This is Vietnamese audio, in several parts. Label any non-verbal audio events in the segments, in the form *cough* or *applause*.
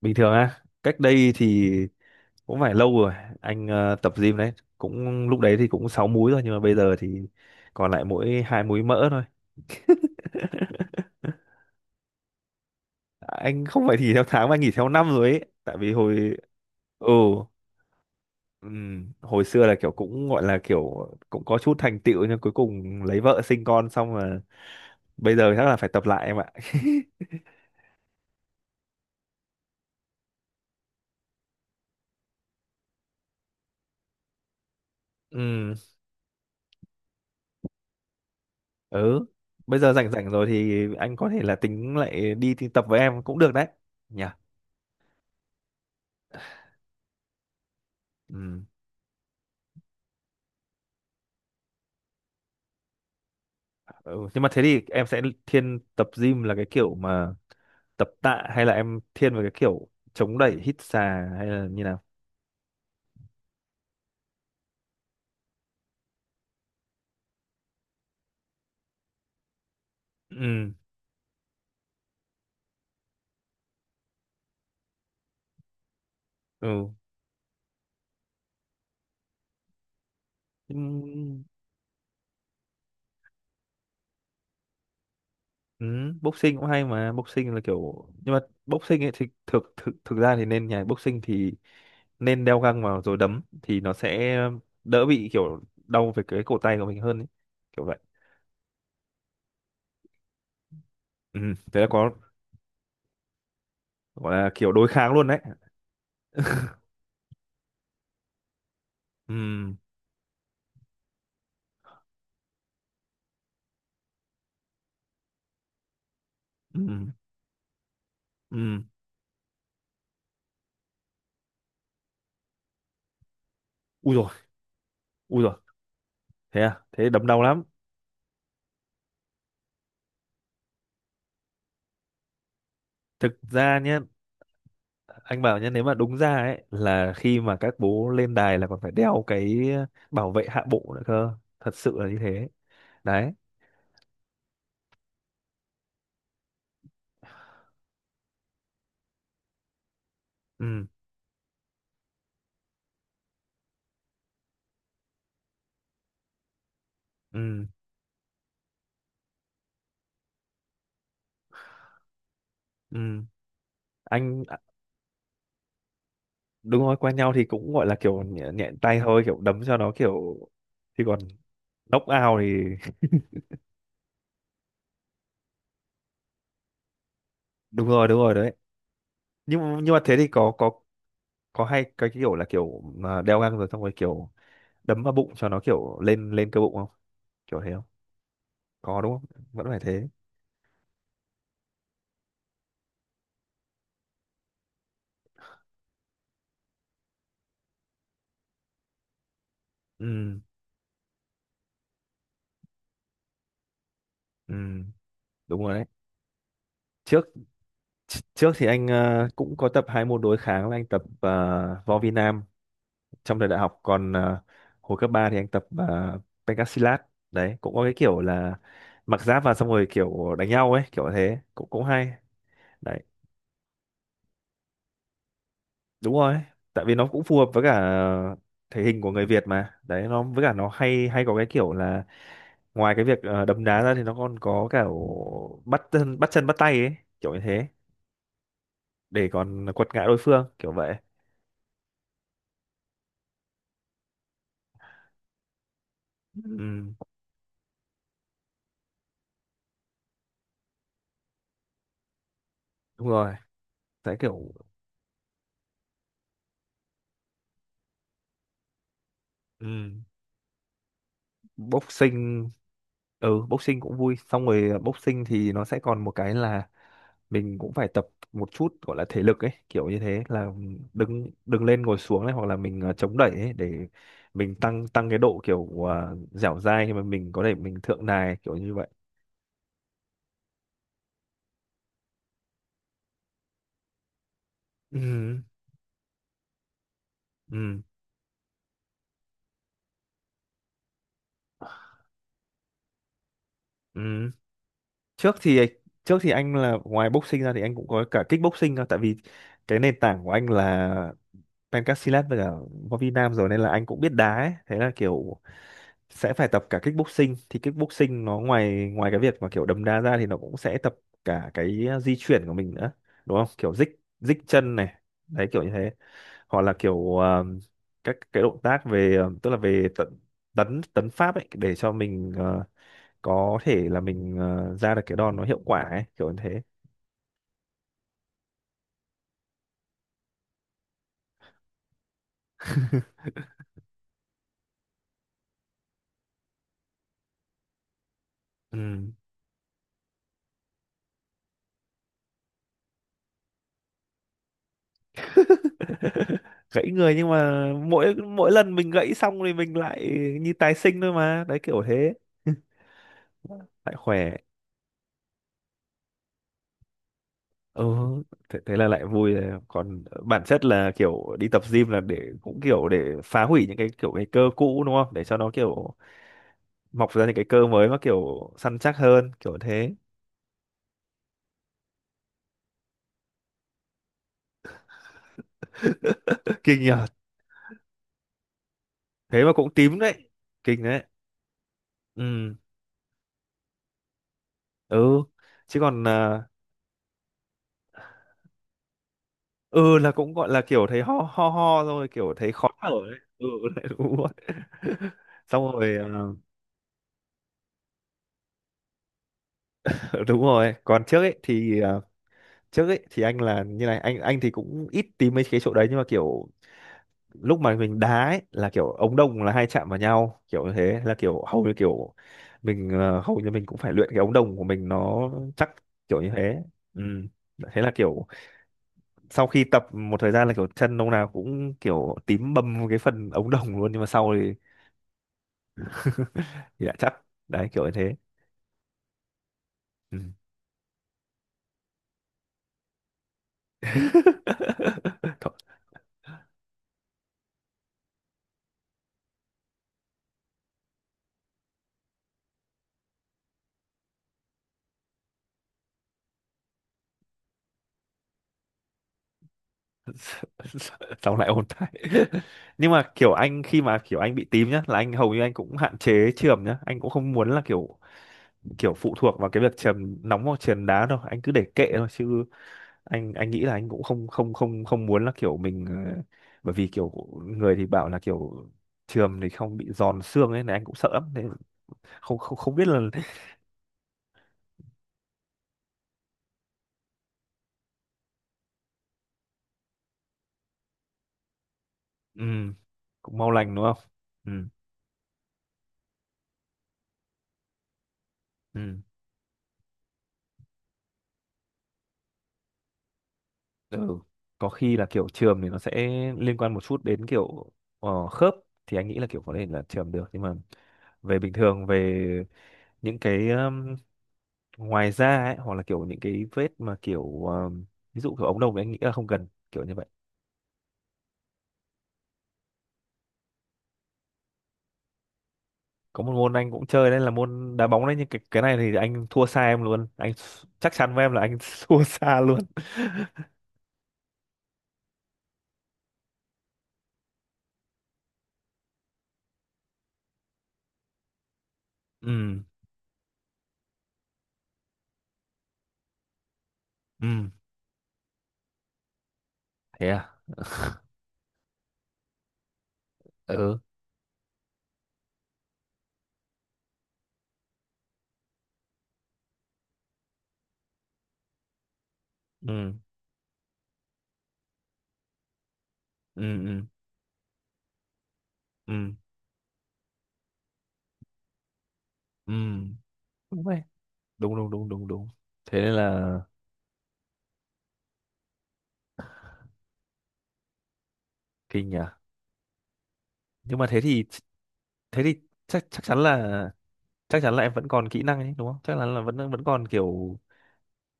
Bình thường á, cách đây thì cũng phải lâu rồi. Anh tập gym đấy, cũng lúc đấy thì cũng sáu múi rồi nhưng mà bây giờ thì còn lại mỗi hai múi mỡ thôi. Anh không phải nghỉ theo tháng mà anh nghỉ theo năm rồi ấy, tại vì hồi... Ừ. Hồi xưa là kiểu cũng gọi là kiểu cũng có chút thành tựu nhưng cuối cùng lấy vợ sinh con xong là bây giờ chắc là phải tập lại em ạ. *laughs* Ừ, ừ. Bây giờ rảnh rảnh rồi thì anh có thể là tính lại đi tập với em cũng được đấy. Nhỉ. Ừ. Ừ, nhưng mà thế thì em sẽ thiên tập gym là cái kiểu mà tập tạ hay là em thiên vào cái kiểu chống đẩy hít xà hay là như nào? Ừ, ừ. Ừm. Ừ. Boxing cũng hay mà boxing là kiểu, nhưng mà boxing ấy thì thực thực thực ra thì nên nhà boxing thì nên đeo găng vào rồi đấm thì nó sẽ đỡ bị kiểu đau về cái cổ tay của mình hơn ấy. Kiểu vậy. Ừ, thế là có gọi là kiểu đối kháng luôn đấy. Ừ, ừ, ừ. Ui rồi, ui rồi. Thế à, thế đấm đau lắm. Thực ra nhé, anh bảo nhé, nếu mà đúng ra ấy là khi mà các bố lên đài là còn phải đeo cái bảo vệ hạ bộ nữa cơ, thật sự là như thế. Đấy. Ừ, ừ, ừ. Anh à, đúng rồi, quen nhau thì cũng gọi là kiểu nhẹ, nhẹ tay thôi, kiểu đấm cho nó kiểu thì còn knock out thì. *laughs* Đúng rồi, đúng rồi đấy. Nhưng mà thế thì có hay cái kiểu là kiểu mà đeo găng rồi xong rồi kiểu đấm vào bụng cho nó kiểu lên lên cơ bụng không, kiểu thế không? Có đúng không, vẫn phải thế. Ừ, ừ. Đúng rồi đấy. Trước trước thì anh cũng có tập hai môn đối kháng, là anh tập võ Việt Nam trong thời đại học, còn hồi cấp 3 thì anh tập pencak. Đấy cũng có cái kiểu là mặc giáp vào xong rồi kiểu đánh nhau ấy, kiểu thế cũng cũng hay. Đấy, đúng rồi, tại vì nó cũng phù hợp với cả thể hình của người Việt mà đấy, nó với cả nó hay, hay có cái kiểu là ngoài cái việc đấm đá ra thì nó còn có cả bắt chân bắt tay ấy, kiểu như thế, để còn quật ngã đối phương kiểu vậy. Ừ. Đúng rồi, sẽ kiểu. Ừ, boxing. Ừ, boxing cũng vui. Xong rồi boxing thì nó sẽ còn một cái là mình cũng phải tập một chút gọi là thể lực ấy, kiểu như thế là đứng đứng lên ngồi xuống này, hoặc là mình chống đẩy ấy, để mình tăng tăng cái độ kiểu dẻo dai, khi mà mình có thể mình thượng đài kiểu như vậy. Ừ, ừ, ừ. Trước thì trước thì anh là ngoài boxing ra thì anh cũng có cả kickboxing cơ, tại vì cái nền tảng của anh là Ben Casillas với cả Võ Vi Nam rồi nên là anh cũng biết đá ấy. Thế là kiểu sẽ phải tập cả kickboxing. Thì kickboxing nó ngoài ngoài cái việc mà kiểu đấm đá ra thì nó cũng sẽ tập cả cái di chuyển của mình nữa, đúng không, kiểu dích dích chân này, đấy kiểu như thế. Hoặc là kiểu các cái động tác về tức là về tận tấn tấn pháp ấy, để cho mình có thể là mình ra được cái đòn nó hiệu quả ấy, kiểu như thế. *laughs* Ừ. *laughs* Gãy người, nhưng mà mỗi mỗi lần mình gãy xong thì mình lại như tái sinh thôi mà, đấy kiểu thế. *laughs* Lại khỏe. Ừ, thế là lại vui rồi. Còn bản chất là kiểu đi tập gym là để cũng kiểu để phá hủy những cái kiểu cái cơ cũ, đúng không, để cho nó kiểu mọc ra những cái cơ mới mà kiểu săn chắc hơn, kiểu thế. *laughs* Kinh nhờ. Thế mà cũng tím đấy, kinh đấy. Ừ, ừ. Chứ còn à, ừ là cũng gọi là kiểu thấy ho ho ho rồi, kiểu thấy khó thở đấy. Ừ. *laughs* Đấy, đúng rồi. *laughs* Xong rồi ờ, *laughs* đúng rồi, còn trước ấy thì anh là như này, anh thì cũng ít tìm mấy cái chỗ đấy, nhưng mà kiểu lúc mà mình đá ấy là kiểu ống đồng là hay chạm vào nhau, kiểu như thế là kiểu hầu như kiểu mình hầu như mình cũng phải luyện cái ống đồng của mình nó chắc, kiểu như thế. Ừ, thế là kiểu sau khi tập một thời gian là kiểu chân ông nào cũng kiểu tím bầm cái phần ống đồng luôn, nhưng mà sau thì dạ chắc, đấy kiểu như thế. Ừ. *laughs* Thôi. *laughs* Xong lại ôn lại. *laughs* Nhưng mà kiểu anh khi mà kiểu anh bị tím nhá là anh hầu như anh cũng hạn chế chườm nhá, anh cũng không muốn là kiểu, kiểu phụ thuộc vào cái việc chườm nóng hoặc chườm đá đâu, anh cứ để kệ thôi chứ anh nghĩ là anh cũng không không không không muốn là kiểu mình bởi vì kiểu người thì bảo là kiểu chườm thì không bị giòn xương ấy này, anh cũng sợ lắm nên không không không biết là. Ừ, cũng mau lành đúng không. Ừ, ừ. Ừ. Có khi là kiểu trường thì nó sẽ liên quan một chút đến kiểu khớp, thì anh nghĩ là kiểu có thể là trường được, nhưng mà về bình thường, về những cái ngoài da ấy, hoặc là kiểu những cái vết mà kiểu ví dụ kiểu ống đồng thì anh nghĩ là không cần kiểu như vậy. Có một môn anh cũng chơi đấy, là môn đá bóng đấy, nhưng cái này thì anh thua xa em luôn, chắc chắn với em là anh *laughs* thua xa luôn. *laughs* Ừ, ừ. Thế à. Ừ, ừ, ừ, ừ, ừ, ừ, ừ. Đúng đúng đúng đúng đúng, thế nên là kinh nhỉ. Nhưng mà thế thì chắc chắc chắn là em vẫn còn kỹ năng ấy đúng không, chắc chắn là vẫn vẫn còn kiểu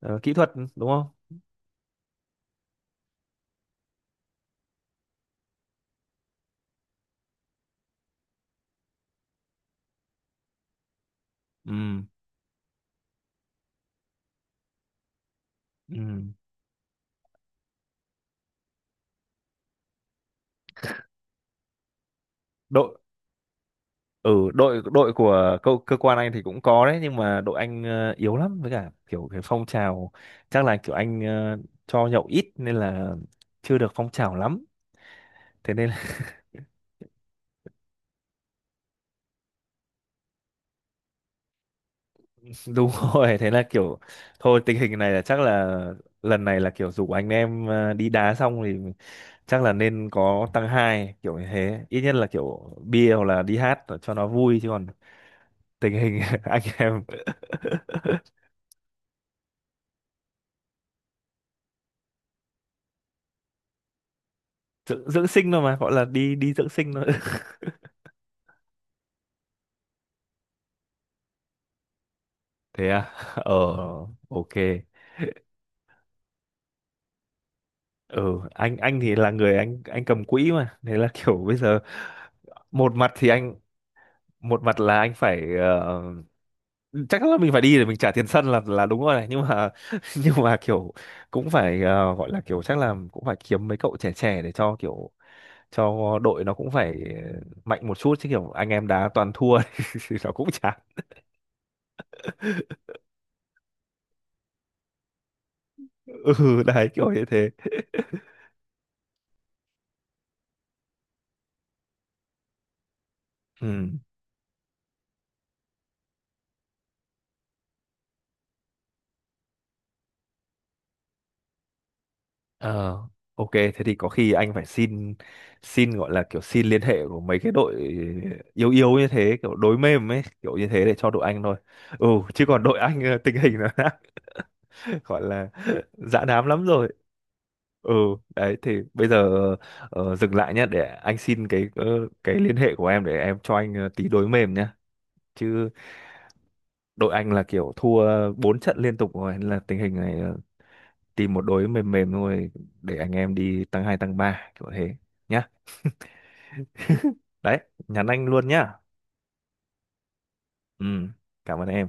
kỹ thuật, đúng không. Ừ, ừ. Đội ở đội đội của cơ quan anh thì cũng có đấy, nhưng mà đội anh yếu lắm, với cả kiểu cái phong trào chắc là kiểu anh cho nhậu ít nên là chưa được phong trào lắm. Thế nên đúng *laughs* rồi, thế là kiểu thôi, tình hình này là chắc là lần này là kiểu rủ anh em đi đá xong thì chắc là nên có tăng hai kiểu như thế, ít nhất là kiểu bia hoặc là đi hát cho nó vui, chứ còn tình hình *laughs* anh em dưỡng sinh thôi, mà gọi là đi đi dưỡng sinh thôi. *laughs* Thế à. Ờ. OK. Ừ. Anh thì là người anh cầm quỹ mà, thế là kiểu bây giờ một mặt thì anh một mặt là anh phải chắc là mình phải đi để mình trả tiền sân là đúng rồi này, nhưng mà *laughs* nhưng mà kiểu cũng phải gọi là kiểu chắc là cũng phải kiếm mấy cậu trẻ trẻ để cho kiểu cho đội nó cũng phải mạnh một chút, chứ kiểu anh em đá toàn thua *laughs* thì nó cũng chán. *laughs* Ừ, đấy kiểu như thế. *laughs* Ừ. Ờ. OK. Thế thì có khi anh phải xin xin gọi là kiểu xin liên hệ của mấy cái đội yếu yếu như thế, kiểu đối mềm ấy, kiểu như thế để cho đội anh thôi. Ừ. Chứ còn đội anh tình hình nó đã *laughs* gọi là dã đám lắm rồi. Ừ, đấy thì bây giờ dừng lại nhé, để anh xin cái cái liên hệ của em, để em cho anh tí đối mềm nhá. Chứ đội anh là kiểu thua bốn trận liên tục rồi nên là tình hình này tìm một đối mềm mềm thôi, để anh em đi tăng hai tăng ba kiểu thế nhá. Đấy, nhắn anh luôn nhá. Ừ, cảm ơn em.